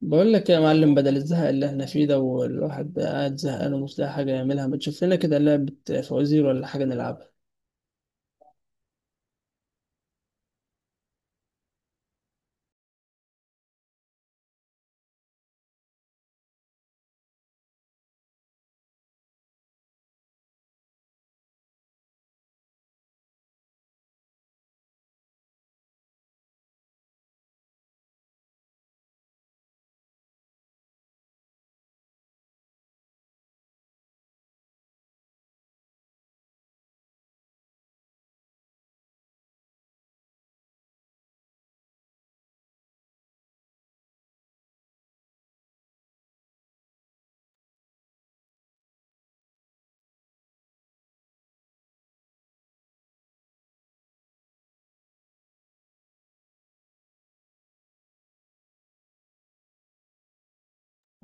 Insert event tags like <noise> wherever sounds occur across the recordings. بقول لك يا معلم، بدل الزهق اللي احنا فيه ده والواحد قاعد زهقان ومش لاقي حاجة يعملها، ما تشوف لنا كده لعبة فوازير ولا حاجة نلعبها.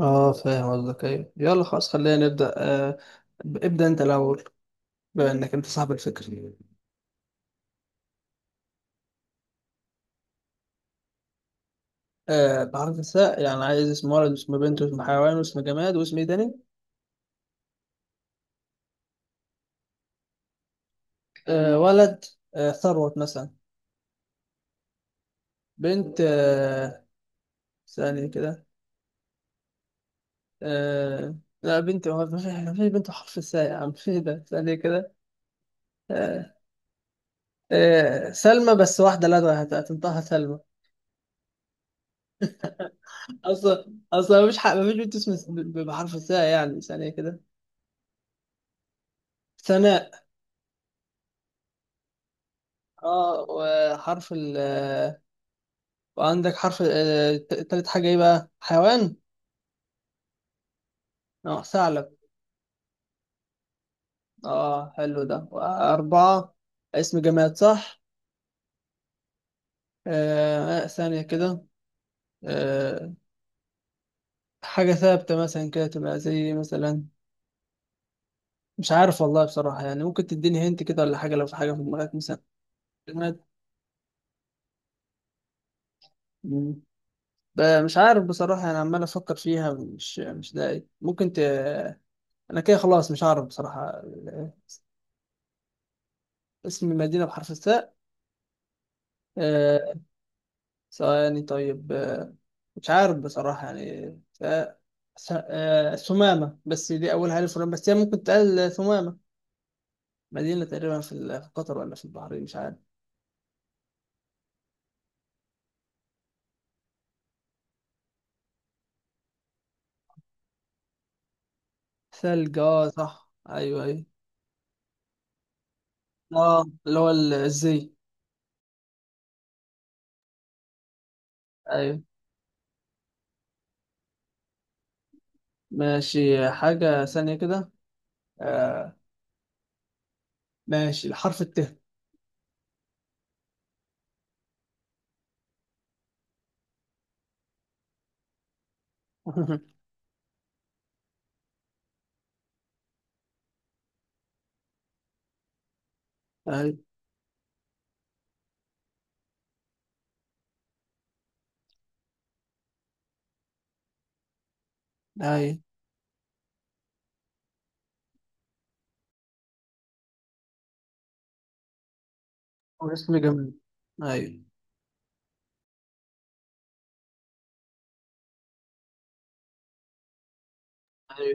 اه، فاهم قصدك. ايوه يلا خلاص خلينا نبدأ. ابدأ انت الأول بما انك انت صاحب الفكرة. بحرف الثاء يعني عايز اسم ولد واسم بنت واسم حيوان واسم جماد واسم ايه تاني؟ ولد. ثروت مثلا. بنت، ثانية كده. آه لا بنت، هو ما في بنت بحرف الثاء يا عم <laughs> في ده. ثانية كده. آه، سلمى. بس واحدة، لا، هتنطقها سلمى. أصلا مفيش بنت اسمها بحرف الثاء. يعني ثانية كده. ثناء. اه وحرف ال، وعندك حرف. تالت حاجة ايه بقى؟ حيوان. اه ثعلب. اه حلو ده. أربعة. اسم جماد، صح. ثانية كده. آه حاجة ثابتة مثلا كده تبقى زي مثلا. مش عارف والله بصراحة يعني، ممكن تديني هنت كده ولا حاجة لو في حاجة في دماغك مثلا. جماد. مش عارف بصراحة، أنا عمال أفكر فيها مش لاقي. أنا كده خلاص مش عارف بصراحة اسم المدينة بحرف الثاء. آه، ثواني طيب. مش عارف بصراحة يعني. ف... س... آه، ثمامة، بس دي أولها ألف ولام بس هي ممكن تقال ثمامة. مدينة تقريبا في قطر ولا في البحرين، مش عارف. ثلج، اه صح، أيوه أيوه. اه، اللي هو الزي. أيوه، ماشي. حاجة ثانية كده. آه، ماشي. الحرف الت. <laughs> اي اي. واسم جماد. اي اي.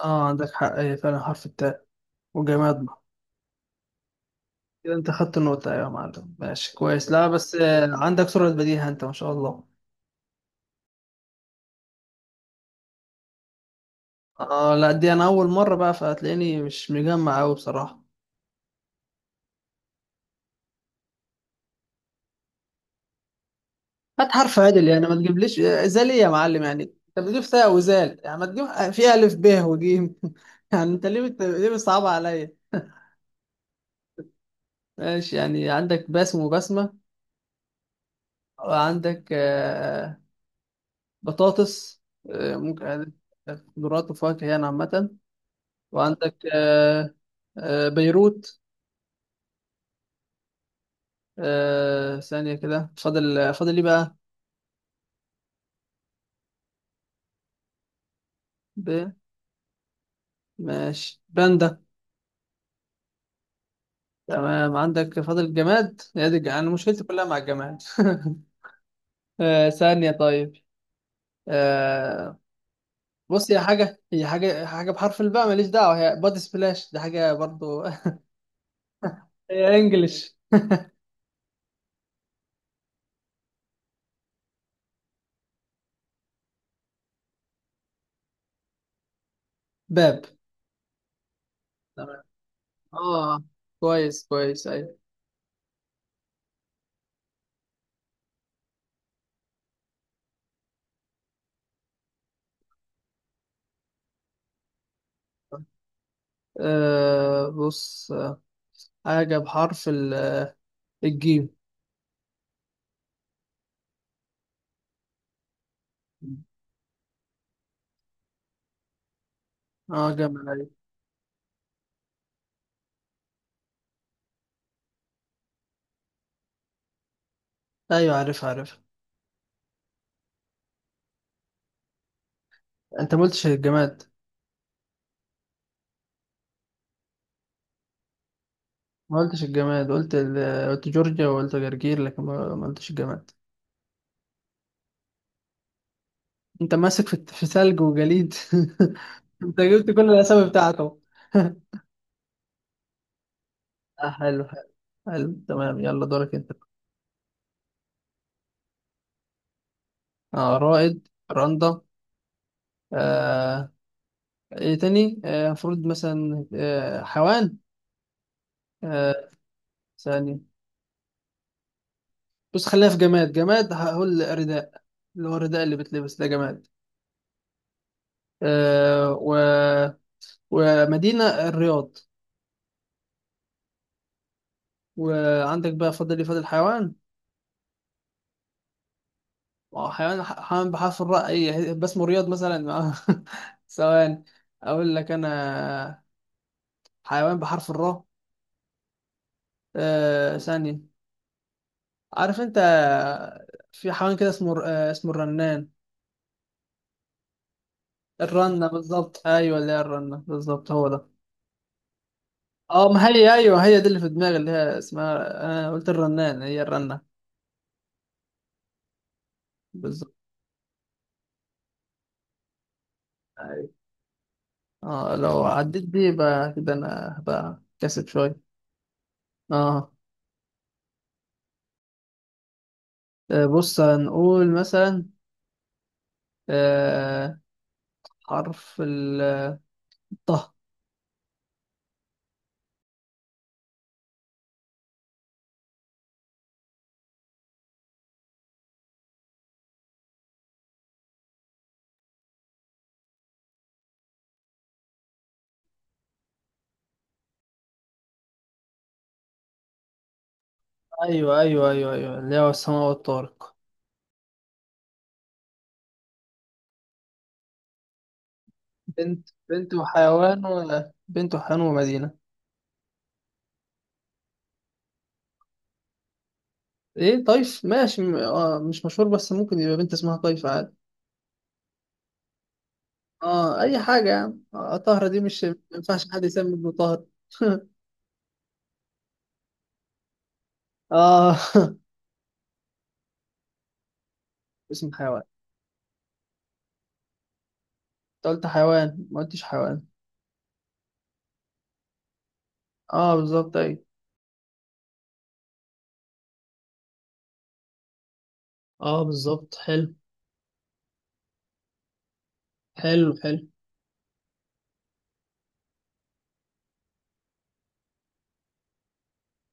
اه عندك حق، اي فعلا حرف التاء وجماد بقى. كده انت خدت النقطة. ايوه يا معلم، ماشي كويس. لا بس عندك سرعة بديهة انت، ما شاء الله. اه لا، دي انا اول مرة بقى، فهتلاقيني مش مجمع قوي بصراحة. هات حرف عدل يعني، ما تجيبليش زال ايه يا معلم يعني. انت بتجيب تاء وزال، يعني ما تجيب في الف ب وجيم. <laughs> يعني انت ليه بتصعب عليا. ماشي، يعني عندك باسم وبسمة، وعندك بطاطس. ممكن خضروات وفواكه يعني عامة. وعندك بيروت. ثانية كده. فاضل ايه بقى؟ ب... ماشي باندا. تمام، عندك فاضل الجماد. هي دي أنا مشكلتي كلها مع الجماد. <laughs> ثانية طيب. آه، بص، هي حاجة هي حاجة حاجة بحرف الباء ماليش دعوة. هي بادي سبلاش، دي حاجة برضو. <laughs> هي انجلش. باب. تمام، اه كويس كويس، ايوه. بص، حاجة بحرف الجيم. اه، جمل، ايوه ايوه، عارف عارف. انت ما قلتش الجماد، ما قلتش الجماد، قلت قلت جورجيا وقلت جرجير، لكن ما قلتش الجماد. انت ماسك في ثلج وجليد. <laughs> انت جبت كل الاسامي بتاعته. <laughs> حلو حلو حلو. تمام يلا، دورك انت. اه، رائد، رندا. آه ايه تاني؟ المفروض مثلا حيوان. آه ثاني. بص، خلينا في جماد، هقول رداء. اللي هو الرداء اللي بتلبس ده، جماد. آه، و... ومدينة الرياض. وعندك بقى فاضل لي، فاضل حيوان. حيوان بحرف الراء. اي باسمه رياض مثلا. <laughs> ثواني، اقول لك انا. حيوان بحرف الراء. ثانية. عارف انت؟ في حيوان كده اسمه اسمه الرنان. الرنة بالظبط، ايوه اللي هي الرنة بالظبط، هو ده. اه، ما هي ايوه، هي دي اللي في دماغي، اللي هي اسمها، انا قلت الرنان هي الرنة بالظبط. اه، لو عديت دي يبقى كده انا هبقى كاسب شوية. اه. بص، هنقول مثلا آه حرف الطه. ايوه ايوه ايوه ايوه، اللي هو السماء والطارق. بنت وحيوان، ولا بنت وحيوان ومدينة؟ ايه طيف؟ ماشي. مش مشهور، بس ممكن يبقى بنت اسمها طيف عادي. اه، اي حاجة يعني. طهرة دي مش، ما ينفعش حد يسمي ابنه طهر. <laughs> اه. <laughs> اسم حيوان. انت قلت حيوان، ما قلتش حيوان. اه بالظبط، اي. اه بالظبط، حلو حلو حلو.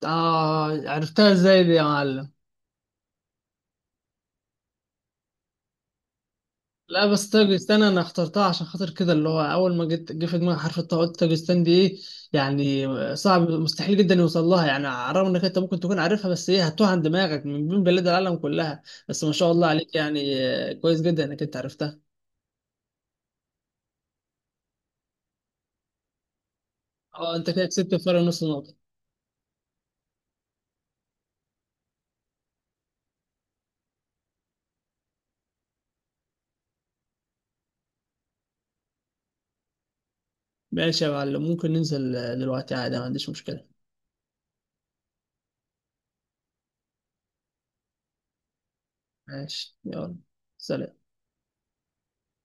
اه، عرفتها ازاي دي يا معلم؟ لا، بس تاجستان انا اخترتها عشان خاطر كده، اللي هو اول ما جيت جه في دماغي حرف الطاء قلت تاجستان دي ايه يعني. صعب، مستحيل جدا يوصل لها يعني، على الرغم انك انت ممكن تكون عارفها، بس ايه، هتوه عن دماغك من بين بلاد العالم كلها. بس ما شاء الله عليك، يعني كويس جدا انك انت عرفتها. اه، انت كده كسبت فرق نص نقطة. ماشي يا معلم، ممكن ننزل دلوقتي عادي، ما عنديش مشكلة. ماشي، يلا سلام.